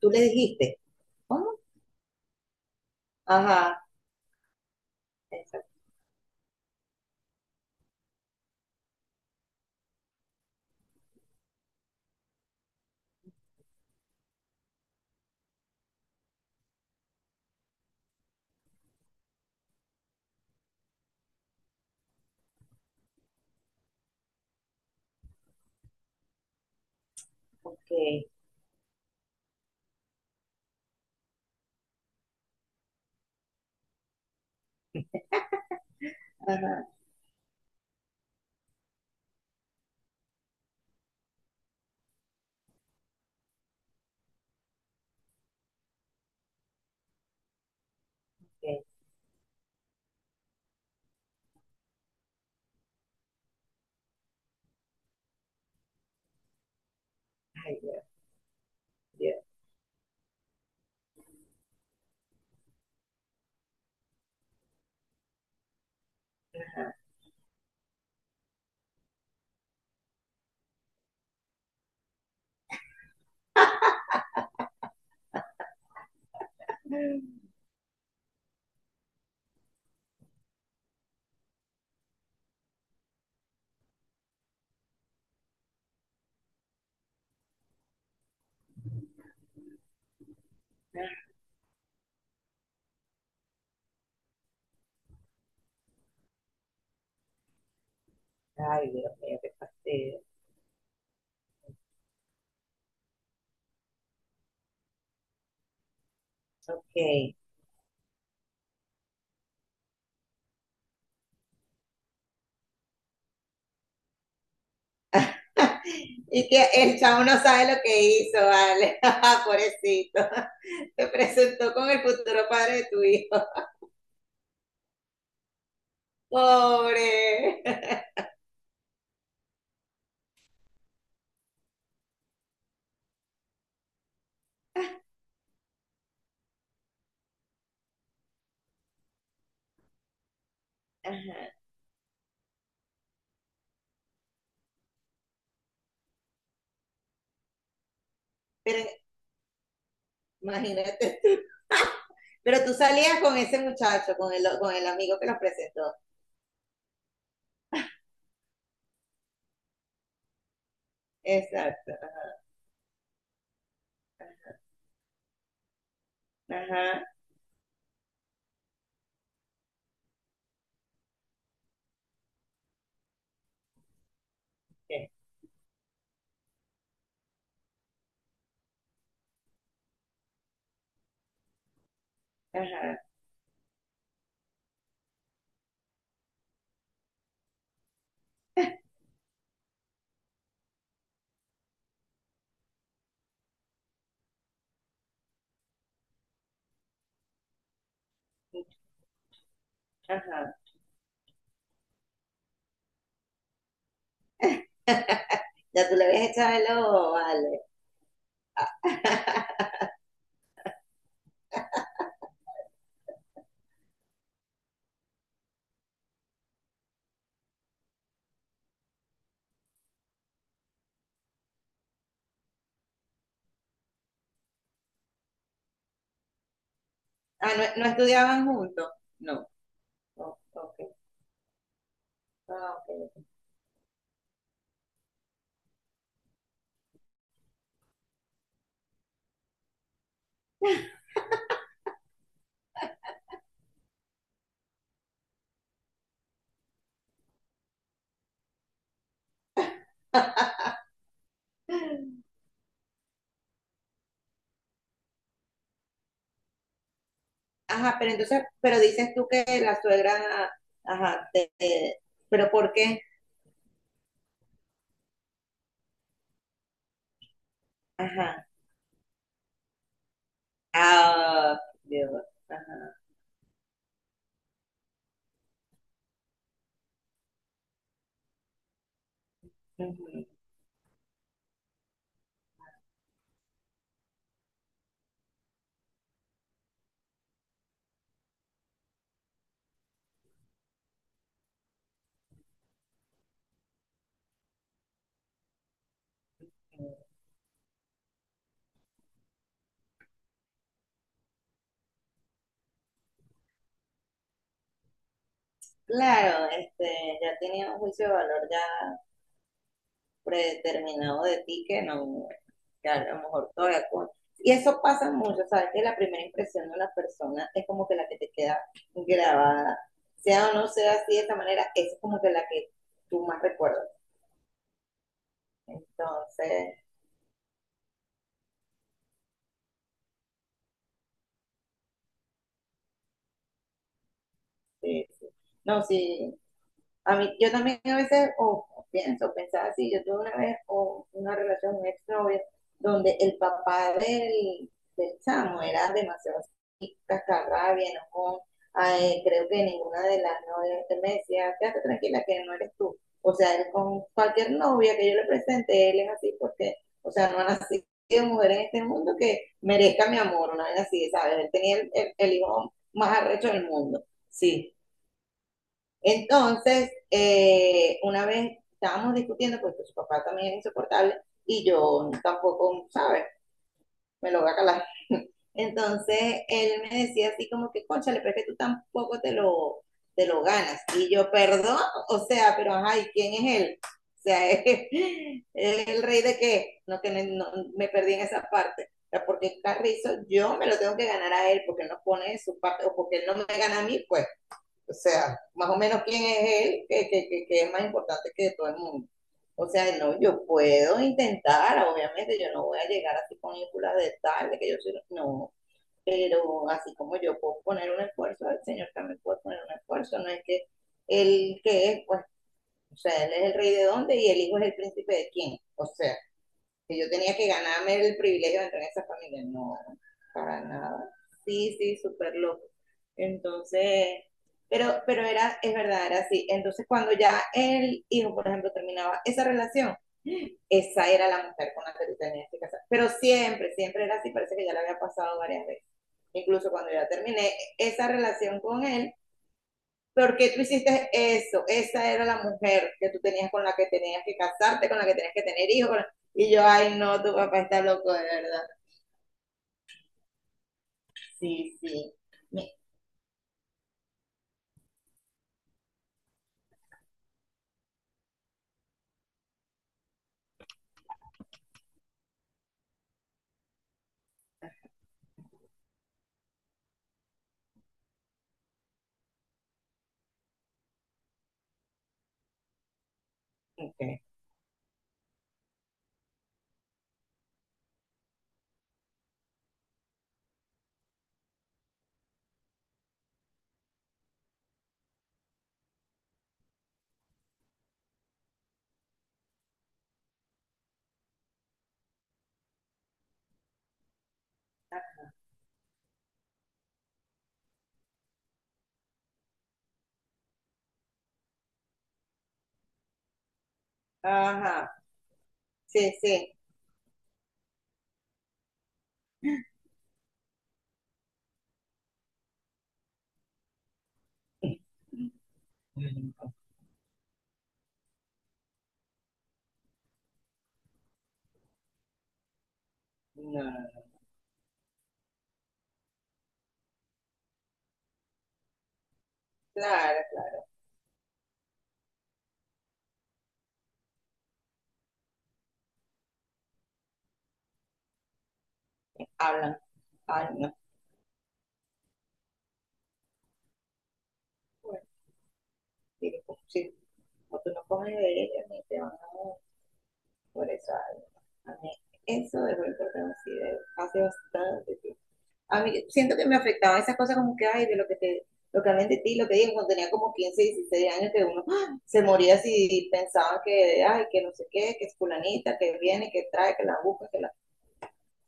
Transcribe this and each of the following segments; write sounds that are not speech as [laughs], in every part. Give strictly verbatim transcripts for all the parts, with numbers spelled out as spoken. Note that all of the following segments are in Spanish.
Tú le dijiste. ¿Cómo? Ajá, exacto. Okay. Ajá, ok. Ay, Dios, Dios. [laughs] Ay, Dios mío, qué fastidio. Ok. [laughs] Y que el chavo no sabe lo que hizo, vale. [laughs] Pobrecito. [laughs] Te presentó con el futuro padre de tu hijo. Pobre. [laughs] Ajá. Pero imagínate tú. [laughs] Pero tú salías con ese muchacho, con el, con el amigo que los presentó. Exacto. Ajá. Ok. Ajá. Ajá. Ya tú le habías echado el ojo, vale. [laughs] Ah, ¿no, no estudiaban juntos? No. Oh, okay. Ah, ok. [laughs] Ajá, pero entonces, pero dices tú que la suegra, ajá, te, te- pero ¿por qué? Ajá. Ah, Dios, ajá. Ujú, ujú. Claro, este, ya tenía un juicio de valor ya predeterminado de ti que no, que a lo mejor todavía con... Y eso pasa mucho, ¿sabes? Que la primera impresión de una persona es como que la que te queda grabada. Sea o no sea así de esta manera, esa es como que la que tú más recuerdas. Entonces, sí, sí. No, sí, a mí, yo también a veces o pienso, pensaba así, yo tuve una vez o una relación, un exnovio, donde el papá del, del chamo era demasiado así, cascarrabia, enojón. Ay, creo que ninguna de las novias que me decía, quédate tranquila que no eres tú. O sea, él con cualquier novia que yo le presente, él es así porque, o sea, no ha nacido mujer en este mundo que merezca mi amor, una vez así, ¿sabes? Él tenía el, el- el hijo más arrecho del mundo. Sí, entonces, eh, una vez estábamos discutiendo, porque su papá también es insoportable y yo tampoco, ¿sabes? Me lo voy a calar. [laughs] Entonces, él me decía así como que, cónchale, pero es que tú tampoco te lo, te lo ganas. Y yo, perdón, o sea, pero ajá, ¿y quién es él? O sea, [laughs] ¿es, es el rey de qué? No, que no, no, me perdí en esa parte. O sea, porque Carrizo, yo me lo tengo que ganar a él, porque él no pone de su parte, o porque él no me gana a mí, pues. O sea, más o menos quién es él, que, que, que, que es más importante que todo el mundo. O sea, no, yo puedo intentar, obviamente, yo no voy a llegar así con ínfulas de tal, de que yo soy, no, pero así como yo puedo poner un esfuerzo, el Señor también puede poner un esfuerzo, no es que él que es, pues, o sea, él es el rey de dónde y el hijo es el príncipe de quién, o sea, que yo tenía que ganarme el privilegio de entrar en esa familia. No, para nada. Sí, sí, súper loco. Entonces, pero, pero era, es verdad, era así. Entonces, cuando ya el hijo, por ejemplo, terminaba esa relación, esa era la mujer con la que tú tenías que casar. Pero siempre, siempre era así, parece que ya la había pasado varias veces. Incluso cuando ya terminé esa relación con él, ¿por qué tú hiciste eso? Esa era la mujer que tú tenías con la que tenías que casarte, con la que tenías que tener hijos. Y yo, ay, no, tu papá está loco, de verdad. Sí, sí. Mi- ok. Ajá, sí, sí. No, no, no. Claro, claro. Hablan. Ay, no. Bueno, sí, pues, sí. O tú no coges de ella, ni te van a por eso. Ay, no. A mí, eso de verdad, así de hace bastante tiempo. A mí siento que me afectaba esas cosas como que, ay, de lo que te, lo que hablan de ti, lo que digo, cuando tenía como quince dieciséis años, que uno [gasps] ¡ah! Se moría si pensaba que, ay, que no sé qué, que es fulanita, que viene, que trae, que la busca, que la...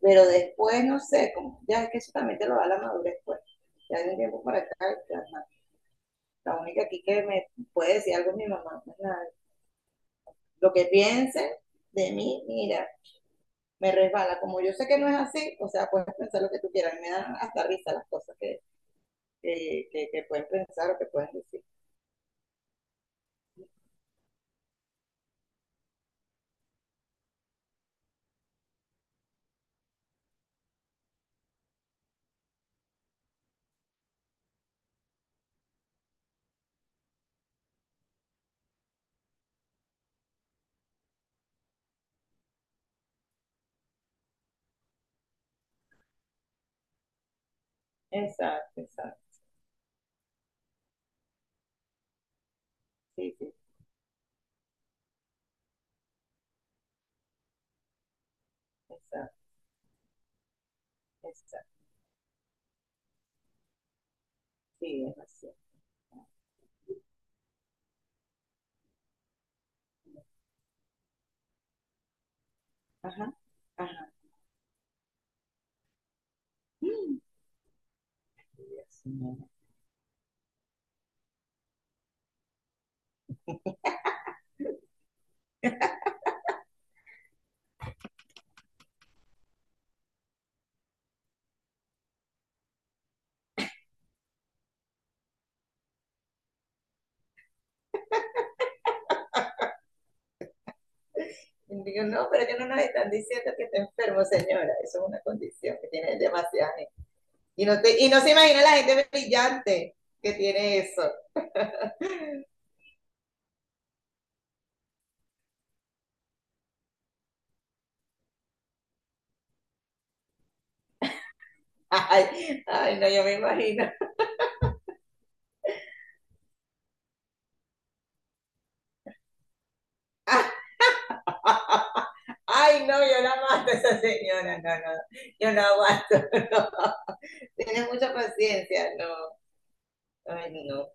Pero después, no sé, como, ya es que eso también te lo da la madurez, pues. Ya hay un tiempo para acá, ya, la única aquí que me puede decir algo es mi mamá. La- lo que piensen de mí, mira, me resbala. Como yo sé que no es así, o sea, puedes pensar lo que tú quieras, me dan hasta risa las cosas que, que, que, que pueden pensar o que pueden decir. Exacto, exacto. Sí, sí, exacto, exacto. Sí, es así. Ajá, ajá. Mm, Dios mío. Y digo, no, pero que no nos están diciendo que está enfermo, señora. Eso es una condición que tiene demasiada gente. Y no, te- y no se imagina la gente brillante que tiene eso. Ay, ay, no, yo me imagino. [laughs] Ay, no, yo la mato a esa señora. No, no, yo la aguanto. [laughs] No. Tiene mucha paciencia, no. Ay, no.